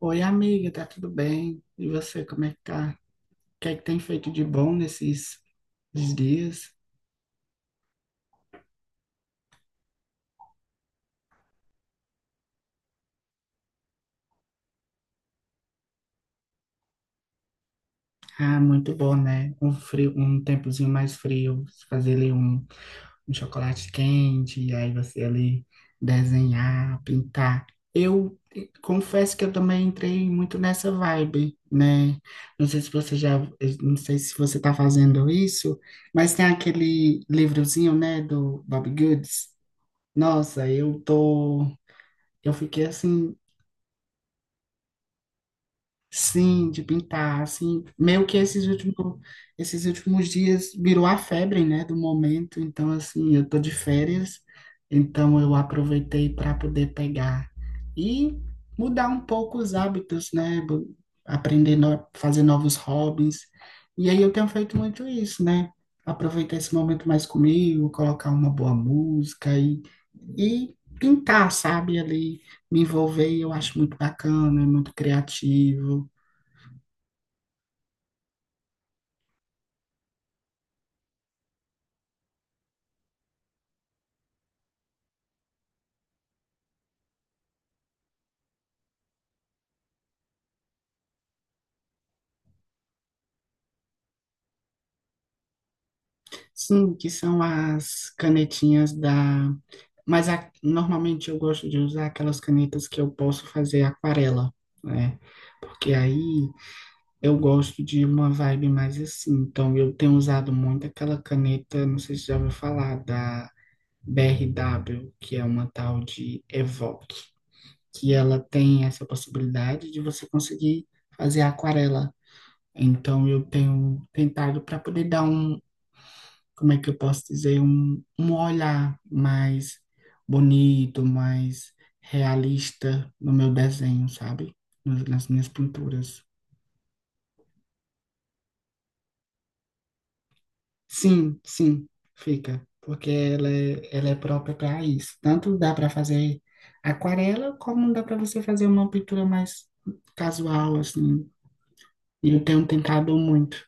Oi, amiga, tá tudo bem? E você, como é que tá? O que é que tem feito de bom nesses esses dias? Ah, muito bom, né? Um frio, um tempozinho mais frio, fazer ali um chocolate quente, e aí você ali desenhar, pintar. Eu confesso que eu também entrei muito nessa vibe, né? Não sei se você já, não sei se você tá fazendo isso, mas tem aquele livrozinho, né, do Bob Goods. Nossa, eu tô. Eu fiquei assim, sim, de pintar, assim, meio que esses últimos dias virou a febre, né, do momento. Então, assim, eu tô de férias, então eu aproveitei para poder pegar e mudar um pouco os hábitos, né, aprender no, fazer novos hobbies. E aí eu tenho feito muito isso, né? Aproveitar esse momento mais comigo, colocar uma boa música e pintar, sabe, ali me envolver, e eu acho muito bacana, é muito criativo. Sim, que são as canetinhas da. Mas normalmente eu gosto de usar aquelas canetas que eu posso fazer aquarela, né? Porque aí eu gosto de uma vibe mais assim. Então eu tenho usado muito aquela caneta, não sei se já ouviu falar, da BRW, que é uma tal de Evoque, que ela tem essa possibilidade de você conseguir fazer aquarela. Então eu tenho tentado para poder dar um, como é que eu posso dizer, um olhar mais bonito, mais realista no meu desenho, sabe? Nas minhas pinturas. Sim, sim, fica, porque ela é própria para isso. Tanto dá para fazer aquarela, como dá para você fazer uma pintura mais casual, assim. E eu tenho tentado muito.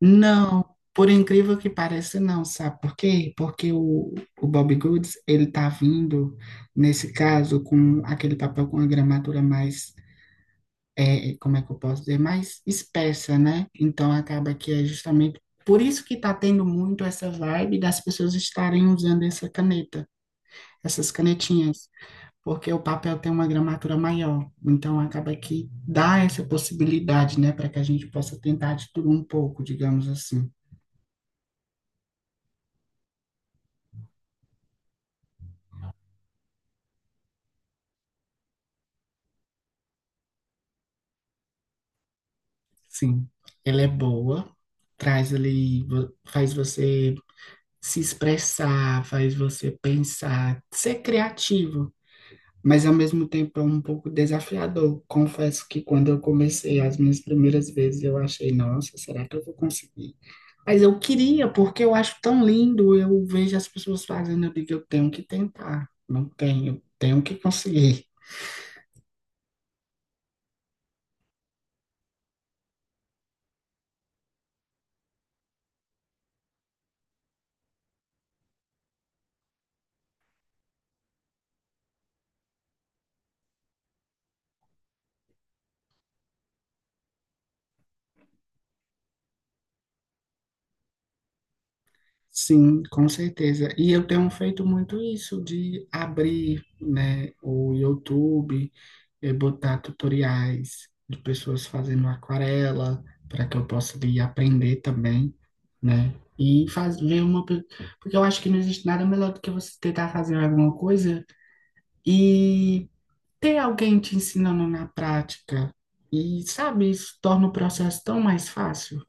Não, por incrível que pareça, não, sabe por quê? Porque o Bob Goods, ele tá vindo, nesse caso, com aquele papel com a gramatura mais, é, como é que eu posso dizer, mais espessa, né? Então acaba que é justamente por isso que tá tendo muito essa vibe das pessoas estarem usando essa caneta, essas canetinhas, porque o papel tem uma gramatura maior, então acaba que dá essa possibilidade, né, para que a gente possa tentar de tudo um pouco, digamos assim. Sim, ela é boa, traz ali, faz você se expressar, faz você pensar, ser criativo, mas ao mesmo tempo é um pouco desafiador. Confesso que quando eu comecei as minhas primeiras vezes, eu achei, nossa, será que eu vou conseguir? Mas eu queria, porque eu acho tão lindo, eu vejo as pessoas fazendo, eu digo, eu tenho que tentar, não tenho, tenho que conseguir. Sim, com certeza. E eu tenho feito muito isso de abrir, né, o YouTube e botar tutoriais de pessoas fazendo aquarela para que eu possa ir aprender também, né? E faz, porque eu acho que não existe nada melhor do que você tentar fazer alguma coisa e ter alguém te ensinando na prática. E sabe, isso torna o processo tão mais fácil.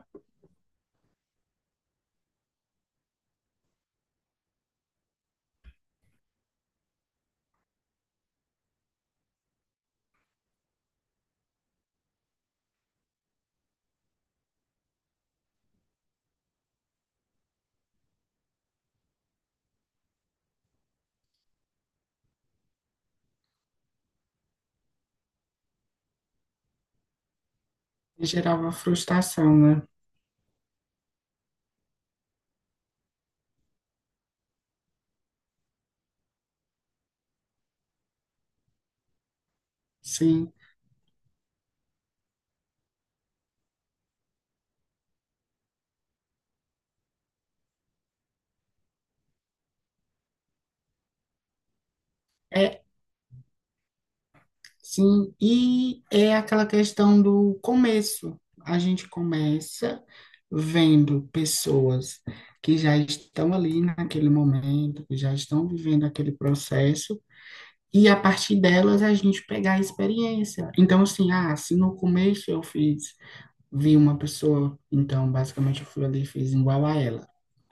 E gerava frustração, né? Sim. É. Sim, e é aquela questão do começo. A gente começa vendo pessoas que já estão ali naquele momento, que já estão vivendo aquele processo, e a partir delas a gente pegar a experiência. Então, assim, ah, se no começo eu fiz, vi uma pessoa, então basicamente eu fui ali e fiz igual a ela.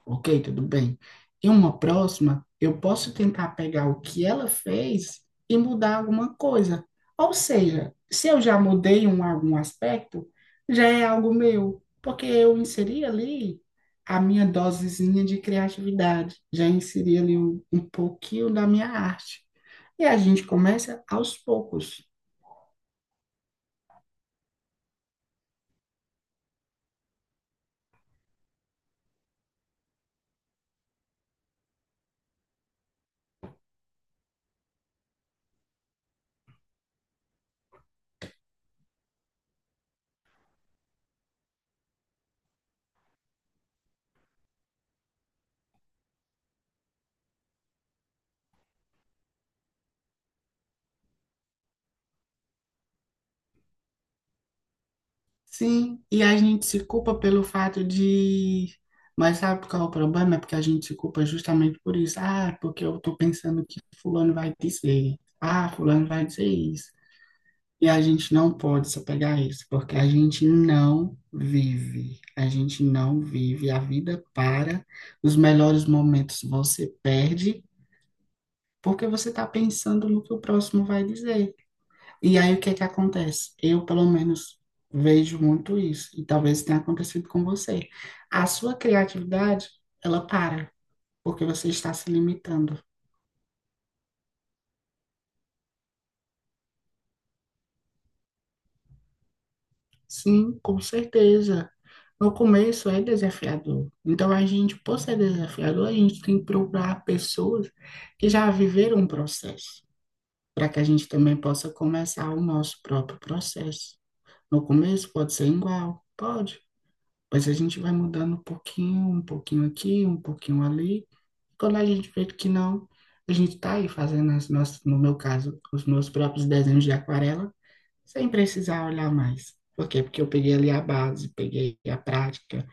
Ok, tudo bem. Em uma próxima, eu posso tentar pegar o que ela fez e mudar alguma coisa. Ou seja, se eu já algum aspecto, já é algo meu, porque eu inseri ali a minha dosezinha de criatividade, já inseri ali um pouquinho da minha arte. E a gente começa aos poucos. Sim, e a gente se culpa pelo fato de. Mas sabe qual é o problema? É porque a gente se culpa justamente por isso. Ah, porque eu tô pensando que fulano vai dizer. Ah, fulano vai dizer isso. E a gente não pode se apegar a isso, porque a gente não vive. A gente não vive. A vida para. Os melhores momentos você perde porque você está pensando no que o próximo vai dizer. E aí o que é que acontece? Eu, pelo menos, vejo muito isso, e talvez tenha acontecido com você. A sua criatividade, ela para, porque você está se limitando. Sim, com certeza. No começo é desafiador. Então a gente, por ser desafiador, a gente tem que procurar pessoas que já viveram um processo, para que a gente também possa começar o nosso próprio processo. No começo pode ser igual, pode. Mas a gente vai mudando um pouquinho aqui, um pouquinho ali. Quando a gente vê que não, a gente está aí fazendo as nossas, no meu caso, os meus próprios desenhos de aquarela, sem precisar olhar mais. Por quê? Porque eu peguei ali a base, peguei a prática,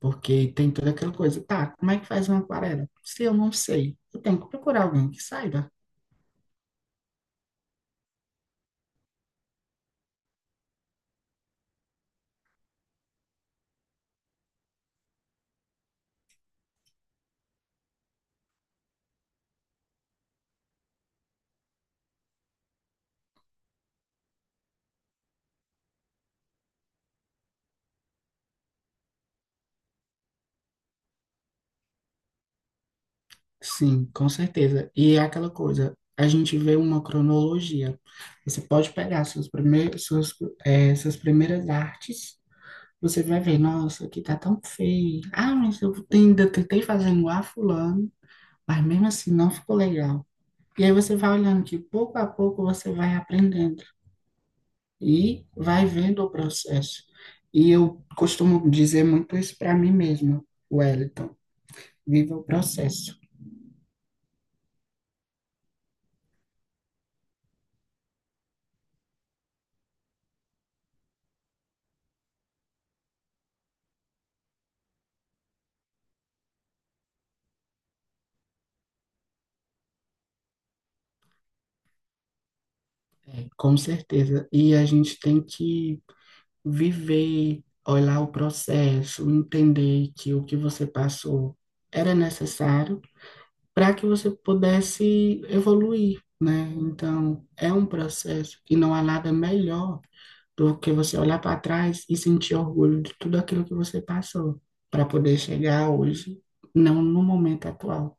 porque tem toda aquela coisa. Tá, como é que faz uma aquarela? Se eu não sei, eu tenho que procurar alguém que saiba. Sim, com certeza. E é aquela coisa, a gente vê uma cronologia. Você pode pegar suas primeiras artes, você vai ver, nossa, aqui tá tão feio. Ah, mas ainda tentei fazer igual a fulano, mas mesmo assim não ficou legal. E aí você vai olhando que pouco a pouco você vai aprendendo e vai vendo o processo. E eu costumo dizer muito isso para mim mesmo, Wellington. Viva o processo. Com certeza. E a gente tem que viver, olhar o processo, entender que o que você passou era necessário para que você pudesse evoluir, né? Então, é um processo e não há nada melhor do que você olhar para trás e sentir orgulho de tudo aquilo que você passou para poder chegar hoje, não no momento atual.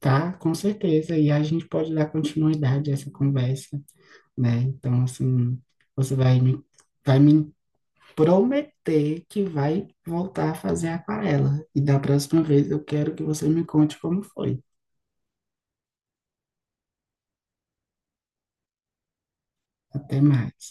Tá, com certeza. E a gente pode dar continuidade a essa conversa, né? Então, assim, você vai me prometer que vai voltar a fazer aquarela. E da próxima vez eu quero que você me conte como foi. Até mais.